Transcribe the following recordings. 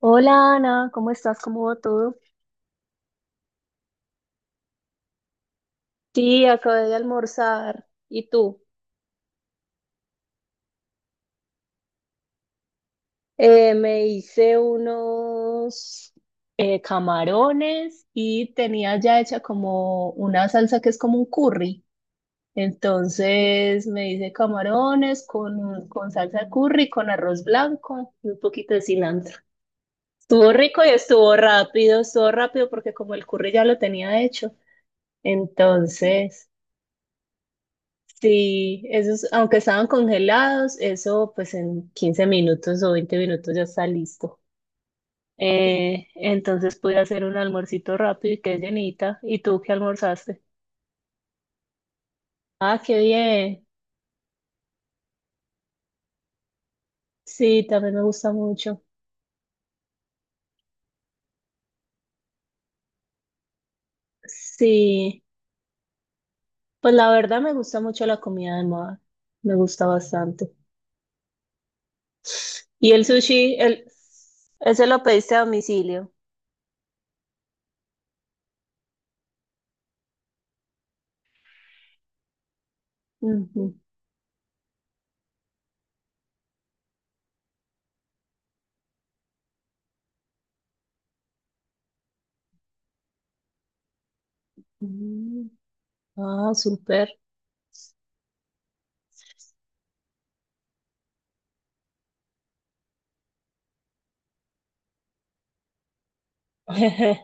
Hola Ana, ¿cómo estás? ¿Cómo va todo? Sí, acabé de almorzar. ¿Y tú? Me hice unos camarones y tenía ya hecha como una salsa que es como un curry. Entonces me hice camarones con salsa curry, con arroz blanco y un poquito de cilantro. Estuvo rico y estuvo rápido porque como el curry ya lo tenía hecho. Entonces... Sí, esos, aunque estaban congelados, eso pues en 15 minutos o 20 minutos ya está listo. Entonces pude hacer un almuercito rápido y quedé llenita. ¿Y tú qué almorzaste? Ah, qué bien. Sí, también me gusta mucho. Sí, pues la verdad me gusta mucho la comida de mar. Me gusta bastante. ¿Y el sushi? El, ese lo pediste a domicilio. Ujú. Mm. Ah, súper.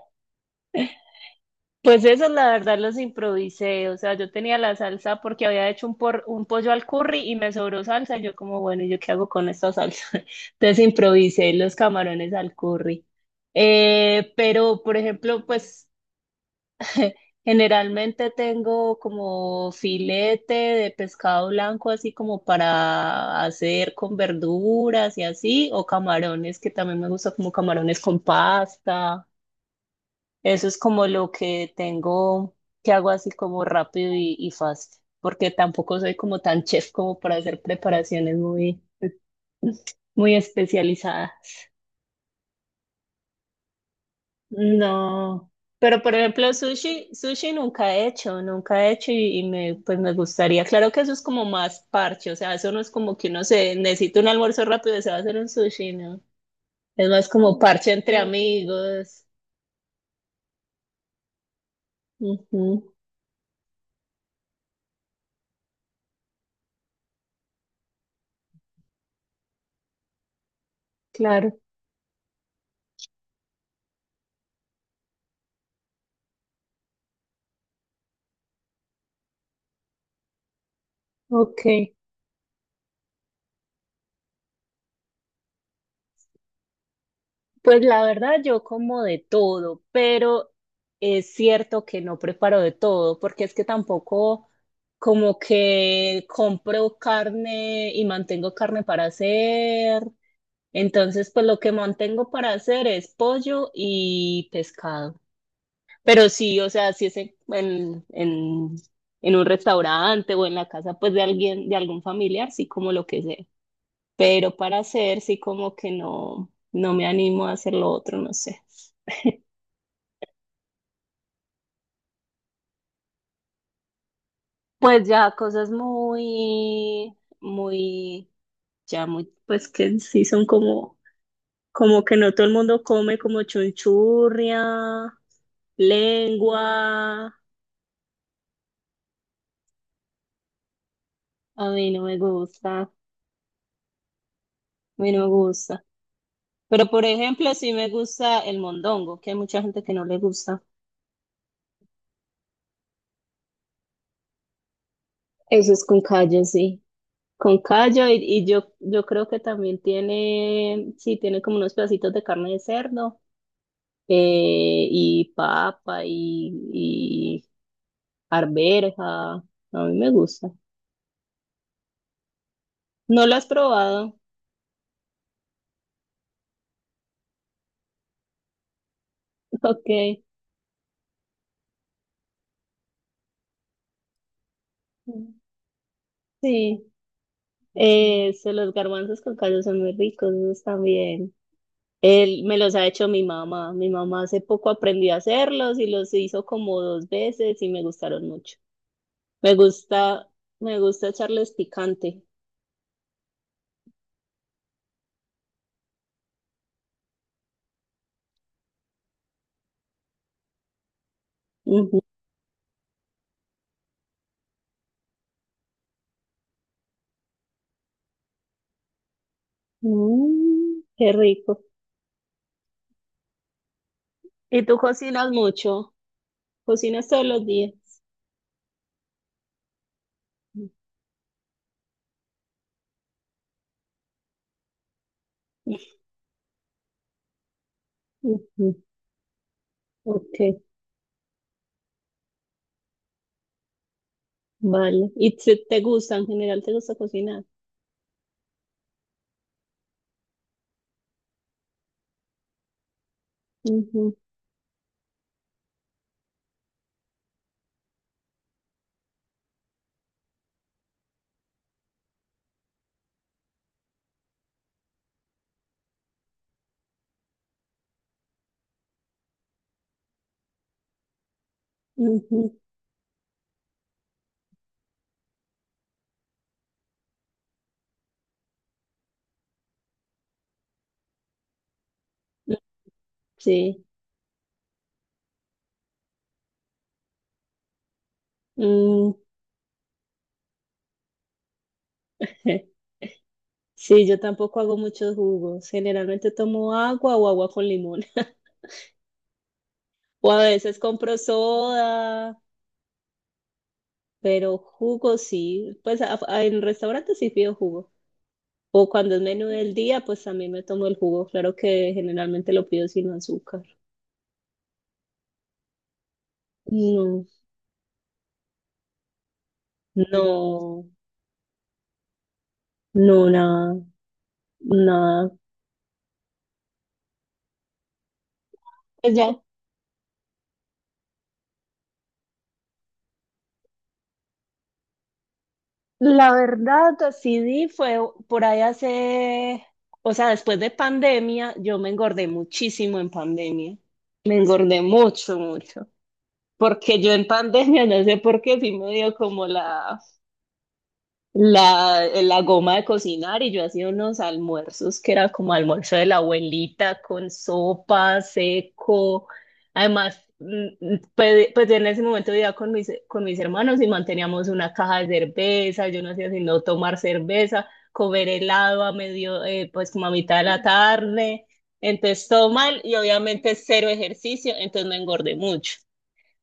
Pues eso, la verdad, los improvisé. O sea, yo tenía la salsa porque había hecho un pollo al curry y me sobró salsa. Y yo como, bueno, ¿y yo qué hago con esta salsa? Entonces improvisé los camarones al curry. Pero, por ejemplo, pues generalmente tengo como filete de pescado blanco, así como para hacer con verduras y así, o camarones, que también me gusta como camarones con pasta. Eso es como lo que tengo, que hago así como rápido y fácil, porque tampoco soy como tan chef como para hacer preparaciones muy, muy especializadas. No, pero por ejemplo sushi, sushi nunca he hecho, nunca he hecho pues me gustaría. Claro que eso es como más parche, o sea, eso no es como que uno se necesita un almuerzo rápido y se va a hacer un sushi, ¿no? Es más como parche entre sí, amigos. Ujú, claro, ok. Pues la verdad, yo como de todo, pero es cierto que no preparo de todo, porque es que tampoco como que compro carne y mantengo carne para hacer. Entonces, pues lo que mantengo para hacer es pollo y pescado. Pero sí, o sea, si es en un restaurante o en la casa, pues de alguien, de algún familiar, sí como lo que sea, pero para hacer sí como que no, no me animo a hacer lo otro, no sé. Pues ya cosas muy, muy, ya muy, pues que sí son como, como que no todo el mundo come como chunchurria, lengua, a mí no me gusta, a mí no me gusta. Pero por ejemplo, sí me gusta el mondongo, que hay mucha gente que no le gusta. Eso es con callo, sí. Con callo y yo, yo creo que también tiene, sí, tiene como unos pedacitos de carne de cerdo, y papa y arveja. A mí me gusta. ¿No lo has probado? Ok. Sí. Eso, los garbanzos con callo son muy ricos, esos también. Él me los ha hecho mi mamá. Mi mamá hace poco aprendió a hacerlos y los hizo como 2 veces y me gustaron mucho. Me gusta, me gusta echarles picante. Mm, qué rico. ¿Y tú cocinas mucho? ¿Cocinas todos los días? Ujú, ok, vale. ¿Y te gusta, en general te gusta cocinar? Ujú, ujú, ujú. Sí. Mm, sí, yo tampoco hago muchos jugos. Generalmente tomo agua o agua con limón. O a veces compro soda, pero jugo sí. Pues en restaurantes sí pido jugo. O cuando es menú del día, pues también me tomo el jugo. Claro que generalmente lo pido sin azúcar. No, no, no, nada, nada. Pues ya, la verdad, sí di fue por ahí hace, o sea, después de pandemia, yo me engordé muchísimo en pandemia. Me engordé mucho, mucho. Porque yo en pandemia, no sé por qué, sí me dio como la goma de cocinar y yo hacía unos almuerzos que era como almuerzo de la abuelita con sopa, seco. Además, pues, pues en ese momento vivía con mis hermanos y manteníamos una caja de cerveza, yo no hacía sino tomar cerveza, comer helado a medio, pues como a mitad de la tarde. Entonces todo mal y obviamente cero ejercicio, entonces me engordé mucho.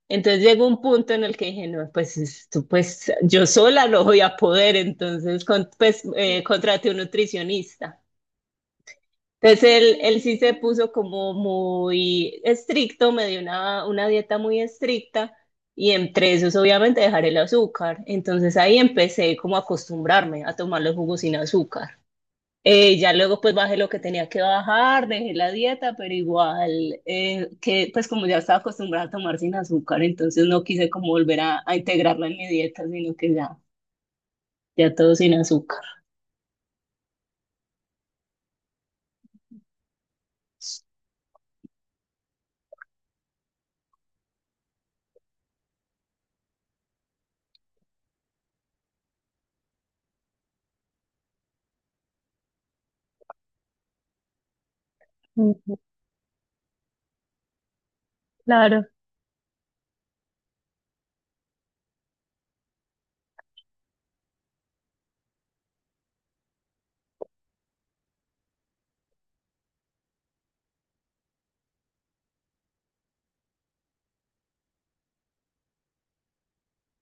Entonces llegó un punto en el que dije, no, pues, esto, pues yo sola no voy a poder, entonces contraté un nutricionista. Entonces él sí se puso como muy estricto, me dio una dieta muy estricta y entre esos obviamente dejar el azúcar. Entonces ahí empecé como a acostumbrarme a tomar los jugos sin azúcar. Ya luego pues bajé lo que tenía que bajar, dejé la dieta, pero igual que pues como ya estaba acostumbrada a tomar sin azúcar, entonces no quise como volver a integrarla en mi dieta, sino que ya, ya todo sin azúcar. Mm, claro.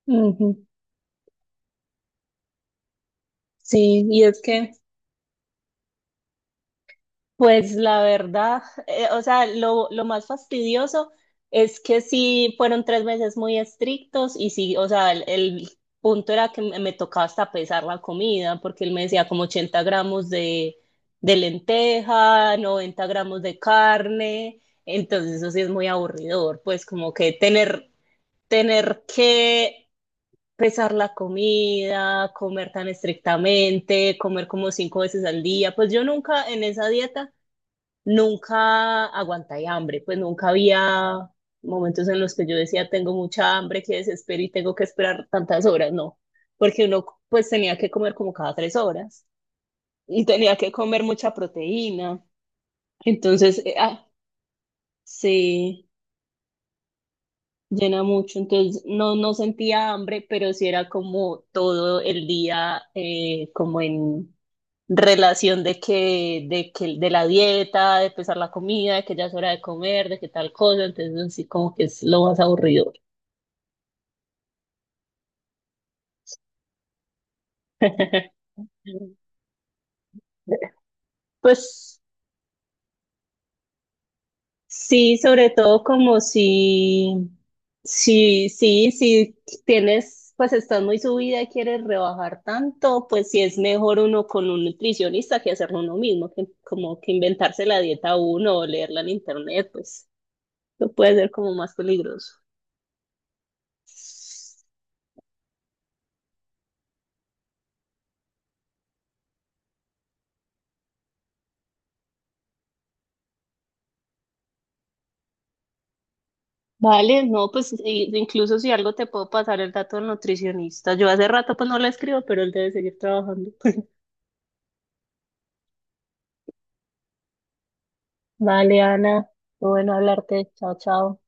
Ujú. Sí, y es que pues la verdad, o sea, lo más fastidioso es que sí fueron 3 meses muy estrictos y sí, o sea, el punto era que me tocaba hasta pesar la comida, porque él me decía como 80 gramos de lenteja, 90 gramos de carne, entonces eso sí es muy aburridor, pues como que tener, tener que pesar la comida, comer tan estrictamente, comer como 5 veces al día, pues yo nunca en esa dieta nunca aguanté hambre, pues nunca había momentos en los que yo decía, tengo mucha hambre, que desespero y tengo que esperar tantas horas, no, porque uno pues tenía que comer como cada 3 horas y tenía que comer mucha proteína, entonces, sí, llena mucho, entonces no, no sentía hambre, pero sí era como todo el día como en relación de de la dieta, de empezar la comida, de que ya es hora de comer, de que tal cosa, entonces sí como que es lo más aburrido. Pues sí, sobre todo como si, sí, si tienes, pues estás muy subida y quieres rebajar tanto, pues sí es mejor uno con un nutricionista que hacerlo uno mismo, que como que inventarse la dieta uno o leerla en internet, pues lo puede ser como más peligroso. Vale, no, pues incluso si algo te puedo pasar el dato del nutricionista. Yo hace rato pues no le escribo, pero él debe seguir trabajando. Vale, Ana, muy bueno hablarte. Chao, chao.